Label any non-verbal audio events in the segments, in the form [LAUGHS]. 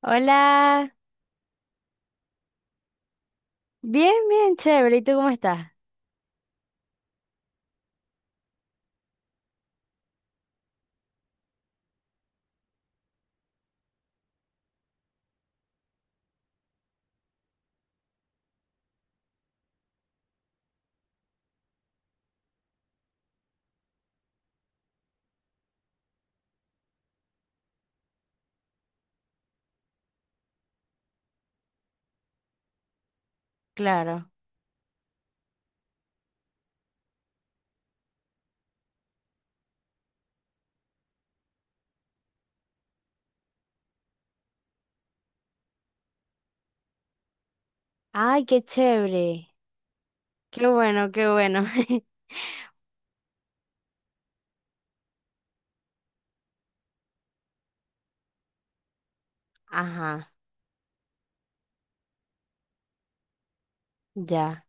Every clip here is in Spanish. Hola, bien, bien, chévere. ¿Y tú cómo estás? Claro. Ay, qué chévere. Qué bueno, qué bueno. [LAUGHS] Ajá, ya.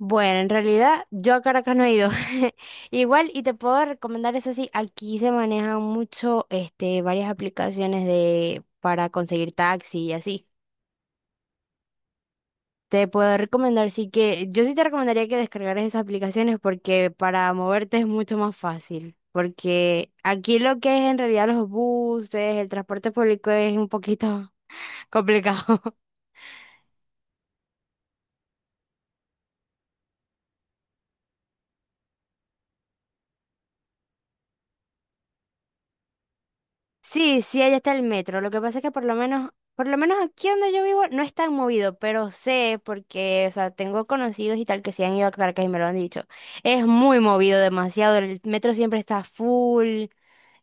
Bueno, en realidad yo a Caracas no he ido. [LAUGHS] Igual, y te puedo recomendar eso sí, aquí se manejan mucho, varias aplicaciones de para conseguir taxi y así. Te puedo recomendar, sí que yo sí te recomendaría que descargaras esas aplicaciones porque para moverte es mucho más fácil. Porque aquí lo que es en realidad los buses, el transporte público es un poquito [LAUGHS] complicado. Sí, sí, allá está el metro. Lo que pasa es que por lo menos aquí donde yo vivo no es tan movido, pero sé porque, o sea, tengo conocidos y tal que se han ido a Caracas y me lo han dicho. Es muy movido, demasiado. El metro siempre está full.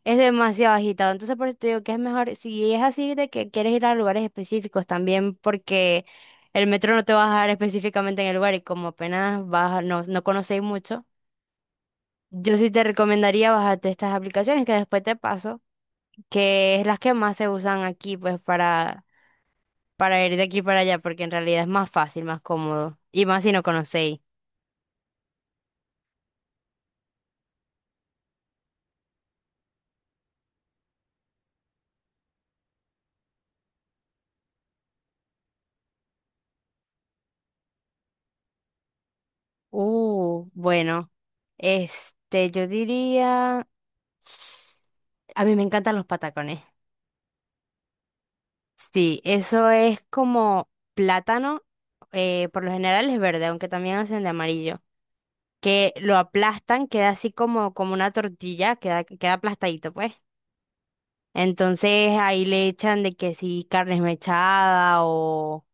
Es demasiado agitado, entonces por eso te digo que es mejor, si es así de que quieres ir a lugares específicos también, porque el metro no te va a dejar específicamente en el lugar y como apenas vas, no, no conocéis mucho, yo sí te recomendaría bajarte estas aplicaciones que después te paso, que es las que más se usan aquí, pues para ir de aquí para allá, porque en realidad es más fácil, más cómodo, y más si no conocéis. Bueno, yo diría, [SNIFFS] a mí me encantan los patacones. Sí, eso es como plátano, por lo general es verde, aunque también hacen de amarillo, que lo aplastan, queda así como, como una tortilla, queda, queda aplastadito, pues. Entonces ahí le echan de que sí, carne esmechada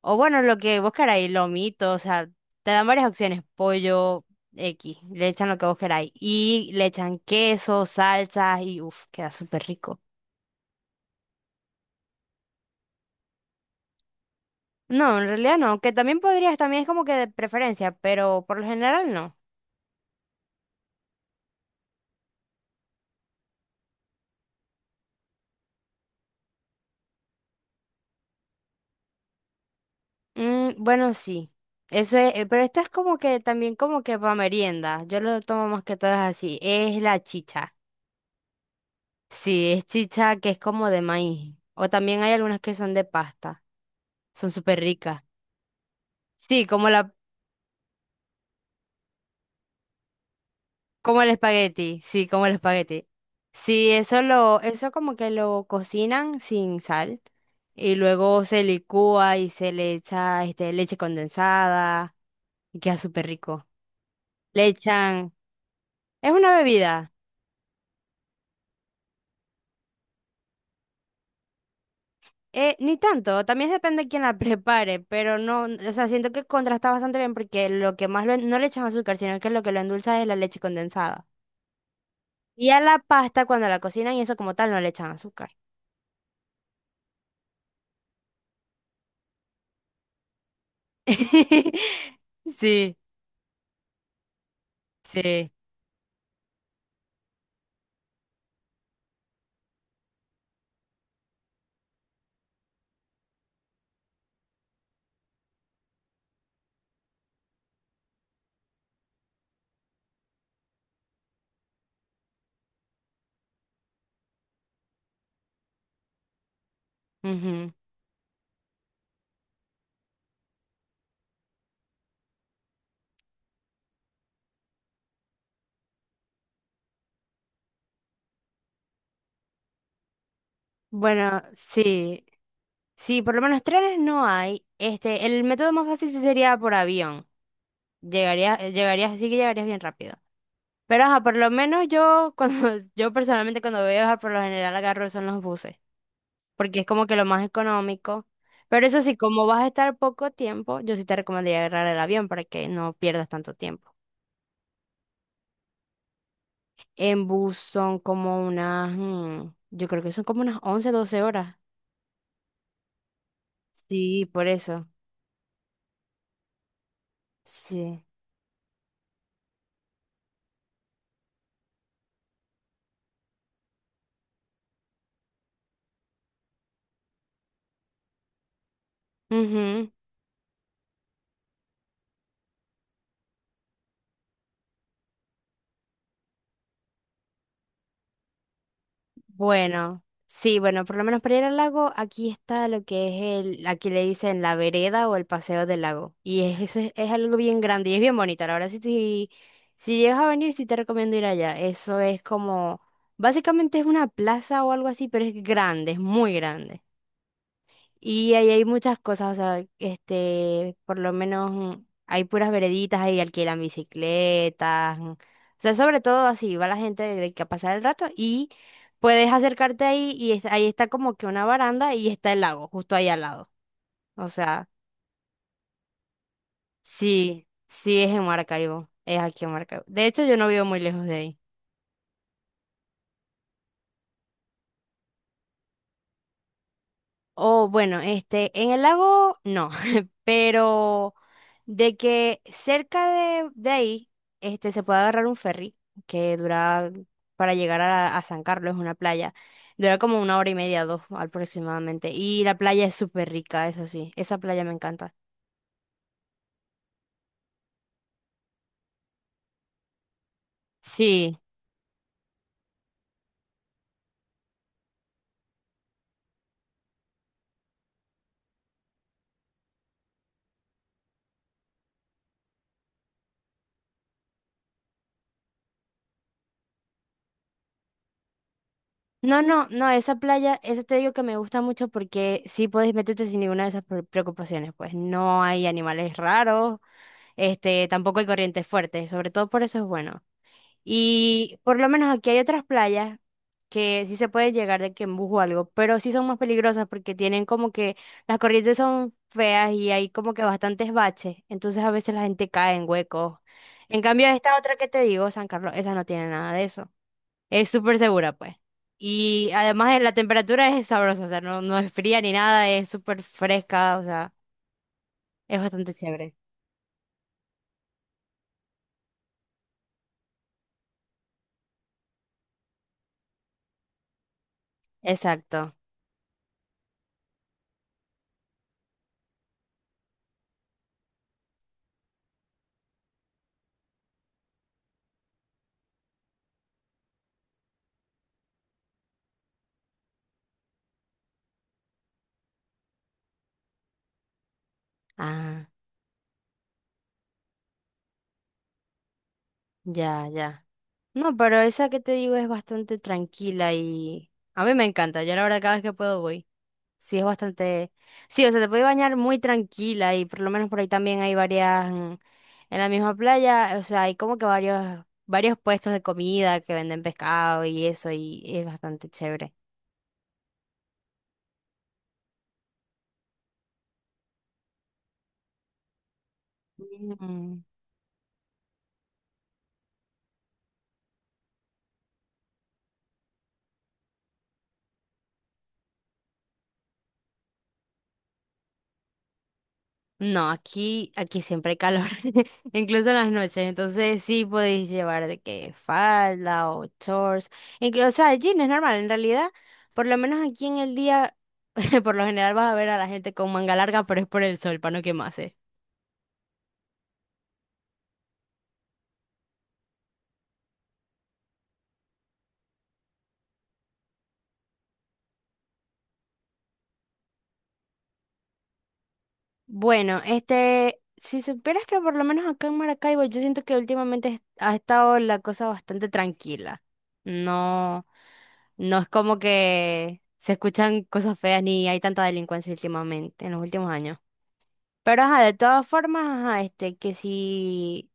o bueno, lo que vos queráis, lomito, o sea, te dan varias opciones, pollo, X, le echan lo que vos queráis. Y le echan queso, salsas y uff, queda súper rico. No, en realidad no, que también podrías, también es como que de preferencia, pero por lo general no. Mm, bueno, sí. Eso es, pero esto es como que también como que para merienda. Yo lo tomo más que todas así. Es la chicha. Sí, es chicha que es como de maíz. O también hay algunas que son de pasta. Son súper ricas. Sí, como la. Como el espagueti, sí, como el espagueti. Sí, eso lo, eso como que lo cocinan sin sal y luego se licúa y se le echa leche condensada y queda súper rico. Le echan, es una bebida, ni tanto, también depende de quién la [LAUGHS] prepare, pero no, o sea, siento que contrasta bastante bien porque lo que más lo en- no le echan azúcar, sino que lo endulza es la leche condensada. Y a la pasta cuando la cocinan y eso como tal no le echan azúcar. [LAUGHS] Sí. Sí. Ujú. Bueno, sí, sí, por lo menos trenes no hay. El método más fácil sí sería por avión. Llegarías, llegarías, sí que llegarías bien rápido. Pero ajá, por lo menos yo, cuando, [LAUGHS] yo personalmente cuando voy a viajar por lo general agarro son los buses, porque es como que lo más económico. Pero eso sí, como vas a estar poco tiempo, yo sí te recomendaría agarrar el avión para que no pierdas tanto tiempo. En bus son como unas, yo creo que son como unas 11 12 horas. Sí, por eso. Sí. Bueno, sí, bueno, por lo menos para ir al lago, aquí está lo que es el, aquí le dicen la vereda o el paseo del lago. Y es- eso es algo bien grande y es bien bonito. Ahora sí, si, si llegas a venir, sí te recomiendo ir allá. Eso es como, básicamente es una plaza o algo así, pero es grande, es muy grande. Y ahí hay muchas cosas, o sea, por lo menos hay puras vereditas, ahí alquilan bicicletas, O sea, sobre todo así, va la gente de que a pasar el rato y puedes acercarte ahí y es- ahí está como que una baranda y está el lago, justo ahí al lado. O sea, sí, sí es en Maracaibo, es aquí en Maracaibo. De hecho, yo no vivo muy lejos de ahí. O bueno, en el lago no, [LAUGHS] pero de que cerca de ahí se puede agarrar un ferry que dura para llegar a San Carlos, es una playa. Dura como una hora y media, dos aproximadamente. Y la playa es súper rica, eso sí. Esa playa me encanta. Sí. No, no, no, esa playa, esa te digo que me gusta mucho porque sí podés meterte sin ninguna de esas pre- preocupaciones. Pues no hay animales raros, tampoco hay corrientes fuertes. Sobre todo por eso es bueno. Y por lo menos aquí hay otras playas que sí se puede llegar de que en bus o algo, pero sí son más peligrosas porque tienen como que las corrientes son feas y hay como que bastantes baches, entonces a veces la gente cae en huecos. En cambio, esta otra que te digo, San Carlos, esa no tiene nada de eso. Es súper segura, pues. Y además la temperatura es sabrosa, o sea, no, no es fría ni nada, es súper fresca, o sea, es bastante chévere. Exacto. Ah, ya, ya. No, pero esa que te digo es bastante tranquila y a mí me encanta. Yo la verdad cada vez que puedo voy. Sí, es bastante... Sí, o sea, te puedes bañar muy tranquila y por lo menos por ahí también hay varias... en la misma playa, o sea, hay como que varios puestos de comida que venden pescado y eso y es bastante chévere. No, aquí, aquí siempre hay calor, [LAUGHS] incluso en las noches. Entonces sí podéis llevar de que falda o shorts. Incluso, o sea, jeans es normal. En realidad, por lo menos aquí en el día, [LAUGHS] por lo general vas a ver a la gente con manga larga, pero es por el sol, para no quemarse. Bueno, si supieras que por lo menos acá en Maracaibo, yo siento que últimamente es- ha estado la cosa bastante tranquila. No, no es como que se escuchan cosas feas ni hay tanta delincuencia últimamente, en los últimos años. Pero ajá, de todas formas, ajá, que si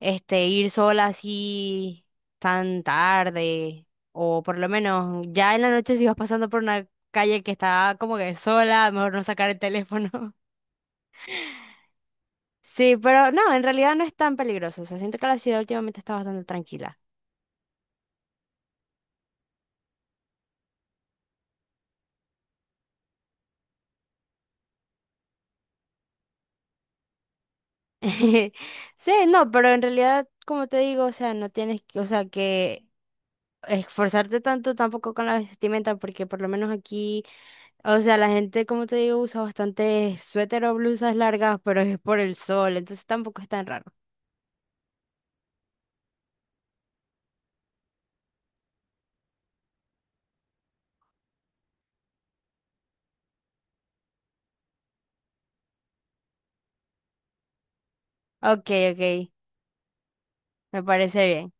ir sola así tan tarde, o por lo menos ya en la noche si vas pasando por una calle que está como que sola, mejor no sacar el teléfono. [LAUGHS] Sí, pero no, en realidad no es tan peligroso. O sea, siento que la ciudad últimamente está bastante tranquila. [LAUGHS] Sí, no, pero en realidad, como te digo, o sea, no tienes que, o sea, que esforzarte tanto tampoco con la vestimenta, porque por lo menos aquí. O sea, la gente, como te digo, usa bastante suéter o blusas largas, pero es por el sol, entonces tampoco es tan raro. Ok, ok, me parece bien.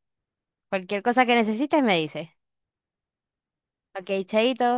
Cualquier cosa que necesites me dices. Ok, chaito.